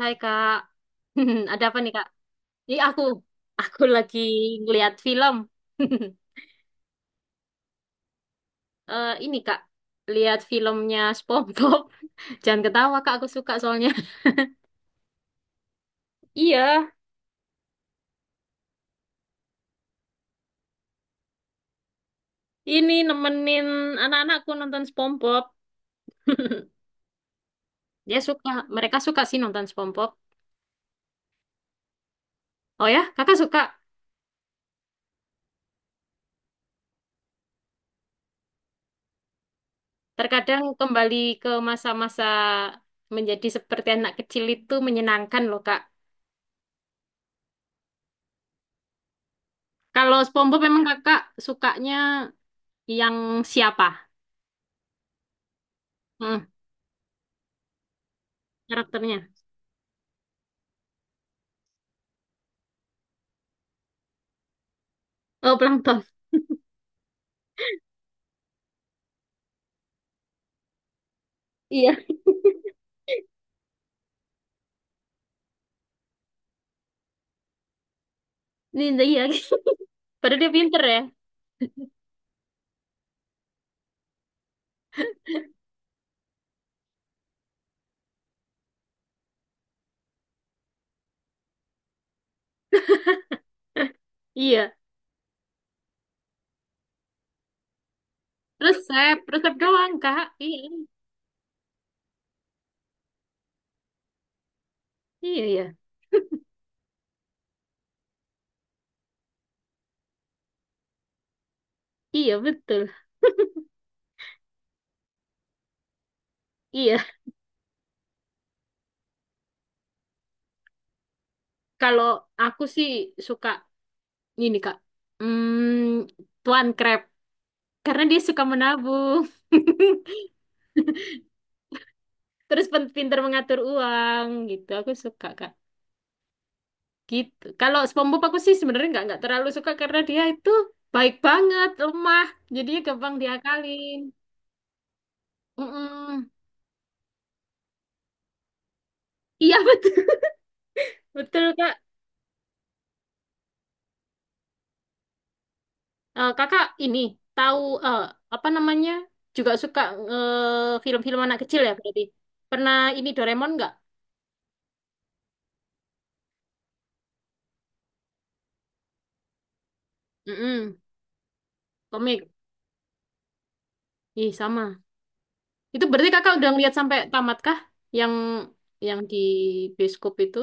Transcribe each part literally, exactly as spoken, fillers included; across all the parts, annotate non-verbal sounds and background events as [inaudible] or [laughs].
Hai Kak, [laughs] ada apa nih Kak? Ini aku, aku lagi ngeliat film. [laughs] Eh ini Kak, lihat filmnya SpongeBob. [laughs] Jangan ketawa Kak, aku suka soalnya. [laughs] Iya, ini nemenin anak-anakku nonton SpongeBob. [laughs] Dia suka, mereka suka sih nonton SpongeBob. Oh ya, Kakak suka. Terkadang kembali ke masa-masa menjadi seperti anak kecil itu menyenangkan loh Kak. Kalau SpongeBob memang Kakak sukanya yang siapa? Hmm. karakternya. Oh, Plankton. Iya, Ninja iya. [laughs] Padahal dia pinter ya. [laughs] Iya. Resep, resep doang, Kak. Iya. Iya, iya. Iya, betul. Iya. Kalau aku sih suka ini, Kak. Hmm, Tuan Crab. Karena dia suka menabung. [laughs] Terus pen- pinter mengatur uang gitu. Aku suka, Kak. Gitu. Kalau SpongeBob aku sih sebenarnya nggak nggak terlalu suka karena dia itu baik banget, lemah. Jadi gampang diakalin. Mm-mm. Iya, [laughs] betul. Betul, Kak. Eh, kakak ini tahu eh, apa namanya? Juga suka eh, film-film anak kecil ya berarti. Pernah ini Doraemon nggak? Mm-mm, komik. Ih, sama. Itu berarti kakak udah ngeliat sampai tamat kah? Yang yang di bioskop itu?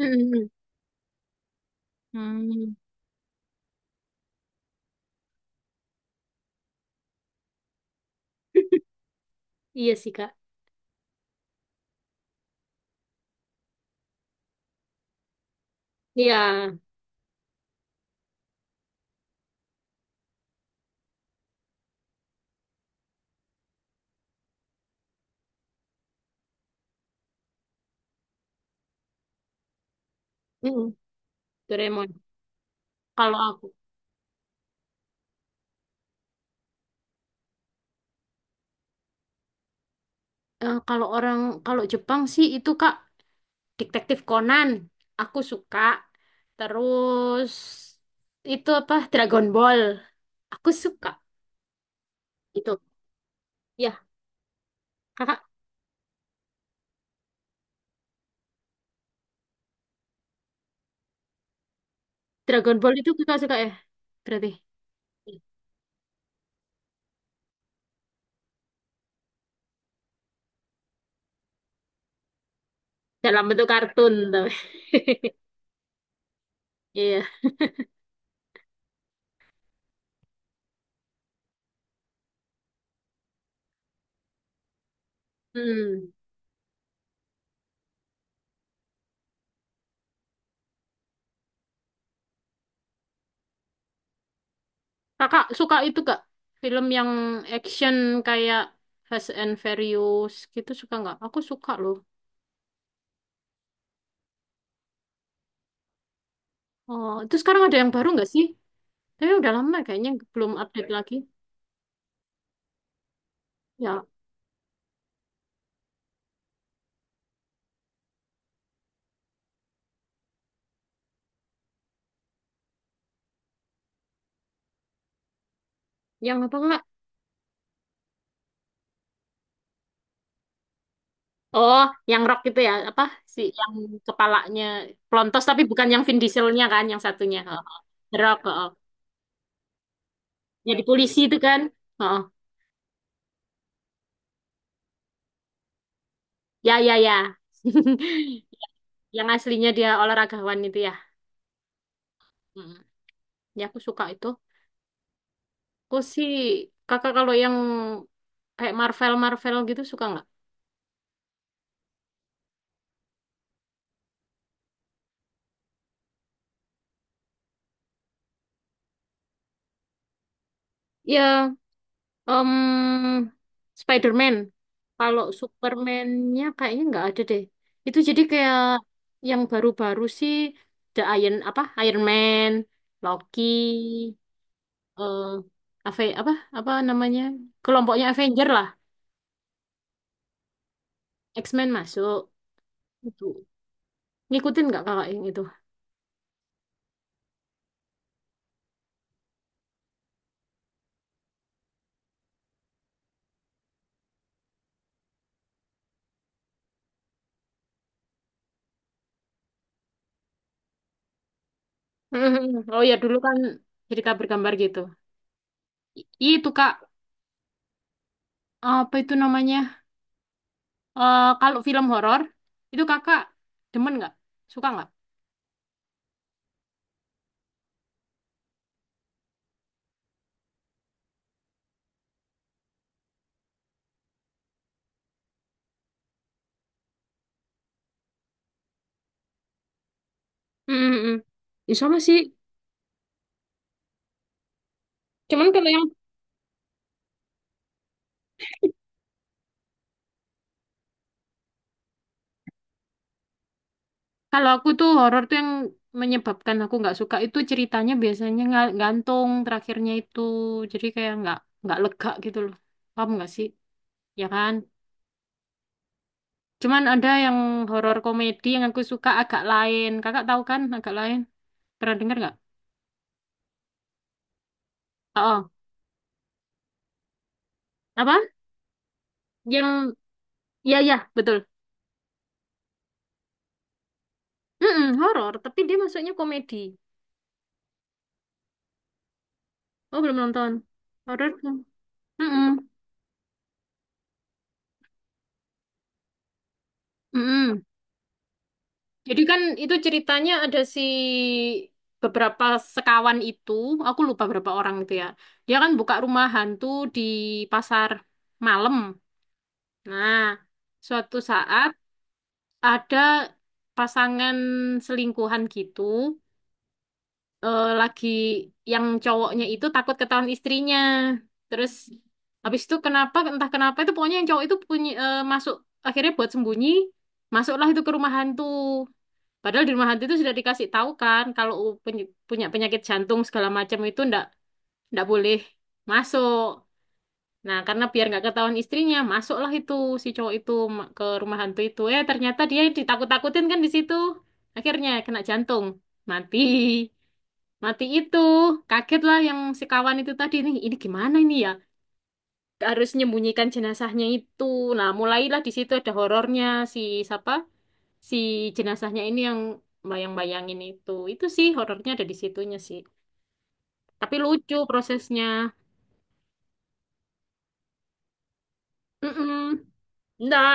Mm-mm. Hmm. Iya sih, Kak. Iya. Mm-mm, Doraemon. Kalau aku, eh, kalau orang kalau Jepang sih itu Kak Detektif Conan, aku suka. Terus itu apa? Dragon Ball, aku suka. Itu. Ya, kakak Dragon Ball itu kakak suka ya? Berarti dalam bentuk kartun tapi. [laughs] Iya. Hmm. Kakak suka itu gak? Film yang action kayak Fast and Furious gitu suka nggak? Aku suka loh. Oh, itu sekarang ada yang baru nggak sih? Tapi udah lama kayaknya belum update lagi. Ya, yang apa kak? Oh, yang rock itu ya, apa sih yang kepalanya pelontos tapi bukan yang Vin Dieselnya kan, yang satunya. Oh, oh. The Rock, oh, oh. Jadi polisi itu kan. Oh, oh. Ya ya ya. [laughs] Yang aslinya dia olahragawan itu ya. Mm. Ya aku suka itu. Aku sih kakak kalau yang kayak Marvel Marvel gitu suka nggak? Ya Em, Spider-Man. Kalau Superman-nya kayaknya nggak ada deh. Itu jadi kayak yang baru-baru sih The Iron apa Iron Man, Loki, eh Ave- apa apa namanya kelompoknya Avenger lah, X-Men masuk itu. Ngikutin nggak kakak yang itu? [laughs] Oh ya dulu kan jadi gambar-gambar gitu. I- itu kak apa itu namanya? Eh, kalau film horor itu kakak demen nggak? Suka nggak? Mm, mm, mm. Ya, sama sih. Cuman kalau yang kalau aku tuh horor tuh yang menyebabkan aku nggak suka itu ceritanya biasanya nggak gantung terakhirnya itu. Jadi kayak nggak nggak lega gitu loh. Paham nggak sih? Ya kan? Cuman ada yang horor komedi yang aku suka agak lain. Kakak tahu kan agak lain? Pernah dengar nggak? Oh, oh. apa? Yang ya ya betul. Mm horor, tapi dia masuknya komedi. Oh belum nonton. Horor. Mm-mm. Mm-mm. Jadi kan itu ceritanya ada si beberapa sekawan itu, aku lupa berapa orang itu ya. Dia kan buka rumah hantu di pasar malam. Nah, suatu saat ada pasangan selingkuhan gitu, eh, lagi yang cowoknya itu takut ketahuan istrinya. Terus habis itu kenapa entah kenapa itu pokoknya yang cowok itu punya eh, masuk akhirnya buat sembunyi, masuklah itu ke rumah hantu. Padahal di rumah hati itu sudah dikasih tahu kan kalau peny- punya penyakit jantung segala macam itu ndak ndak boleh masuk. Nah, karena biar nggak ketahuan istrinya, masuklah itu si cowok itu ma- ke rumah hantu itu. Eh, ternyata dia ditakut-takutin kan di situ. Akhirnya kena jantung, mati. Mati itu. Kagetlah yang si kawan itu tadi nih, ini gimana ini ya? Harus menyembunyikan jenazahnya itu. Nah, mulailah di situ ada horornya si siapa? Si jenazahnya ini yang bayang-bayangin itu itu sih horornya ada di situnya sih tapi lucu prosesnya. Mm-mm. Enggak,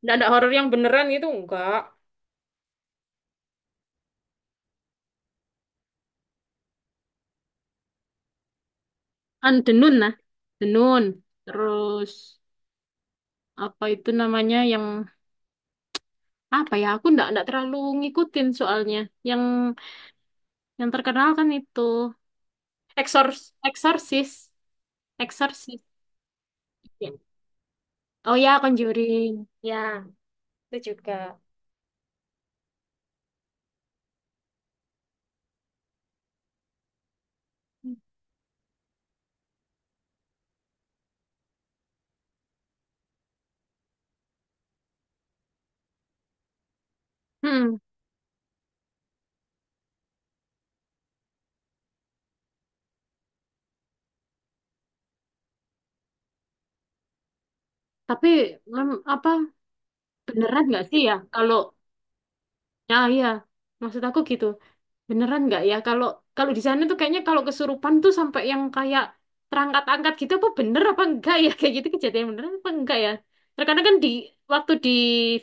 enggak ada horor yang beneran itu enggak. Kan Denun nah Denun terus apa itu namanya yang apa ya aku ndak ndak terlalu ngikutin soalnya yang yang terkenal kan itu Exorcist Exorcist Exorcist Iya. Oh ya Conjuring ya, itu juga. Hmm, tapi mem- apa beneran nggak sih ya kalau ya iya maksud aku gitu beneran nggak ya kalau kalau di sana tuh kayaknya kalau kesurupan tuh sampai yang kayak terangkat-angkat gitu apa bener apa enggak ya [laughs] kayak gitu kejadian beneran apa enggak ya terkadang kan di waktu di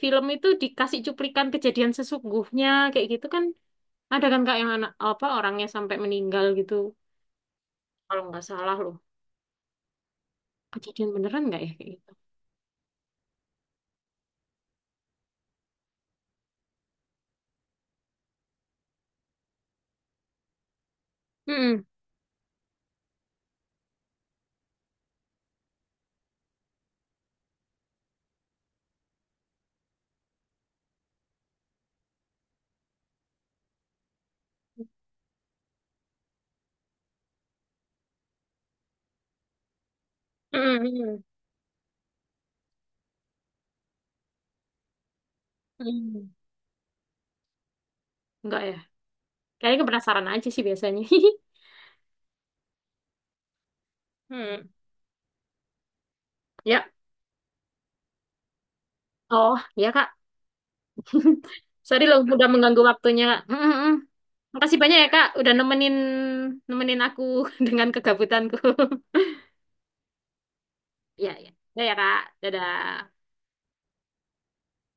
film itu dikasih cuplikan kejadian sesungguhnya kayak gitu kan ada kan kak yang anak apa orangnya sampai meninggal gitu kalau nggak salah loh kejadian beneran nggak ya kayak gitu. Mm-mm. Mm-mm. Mm-mm. Enggak ya kayaknya penasaran aja sih biasanya. [laughs] Hmm. Ya, Oh, ya Kak. [laughs] Sorry loh, udah mengganggu waktunya, Kak. Mm, mm, mm. Makasih banyak ya, Kak, udah nemenin nemenin aku [laughs] dengan kegabutanku. [laughs] Ya, ya. Ya, ya, Kak. Dadah.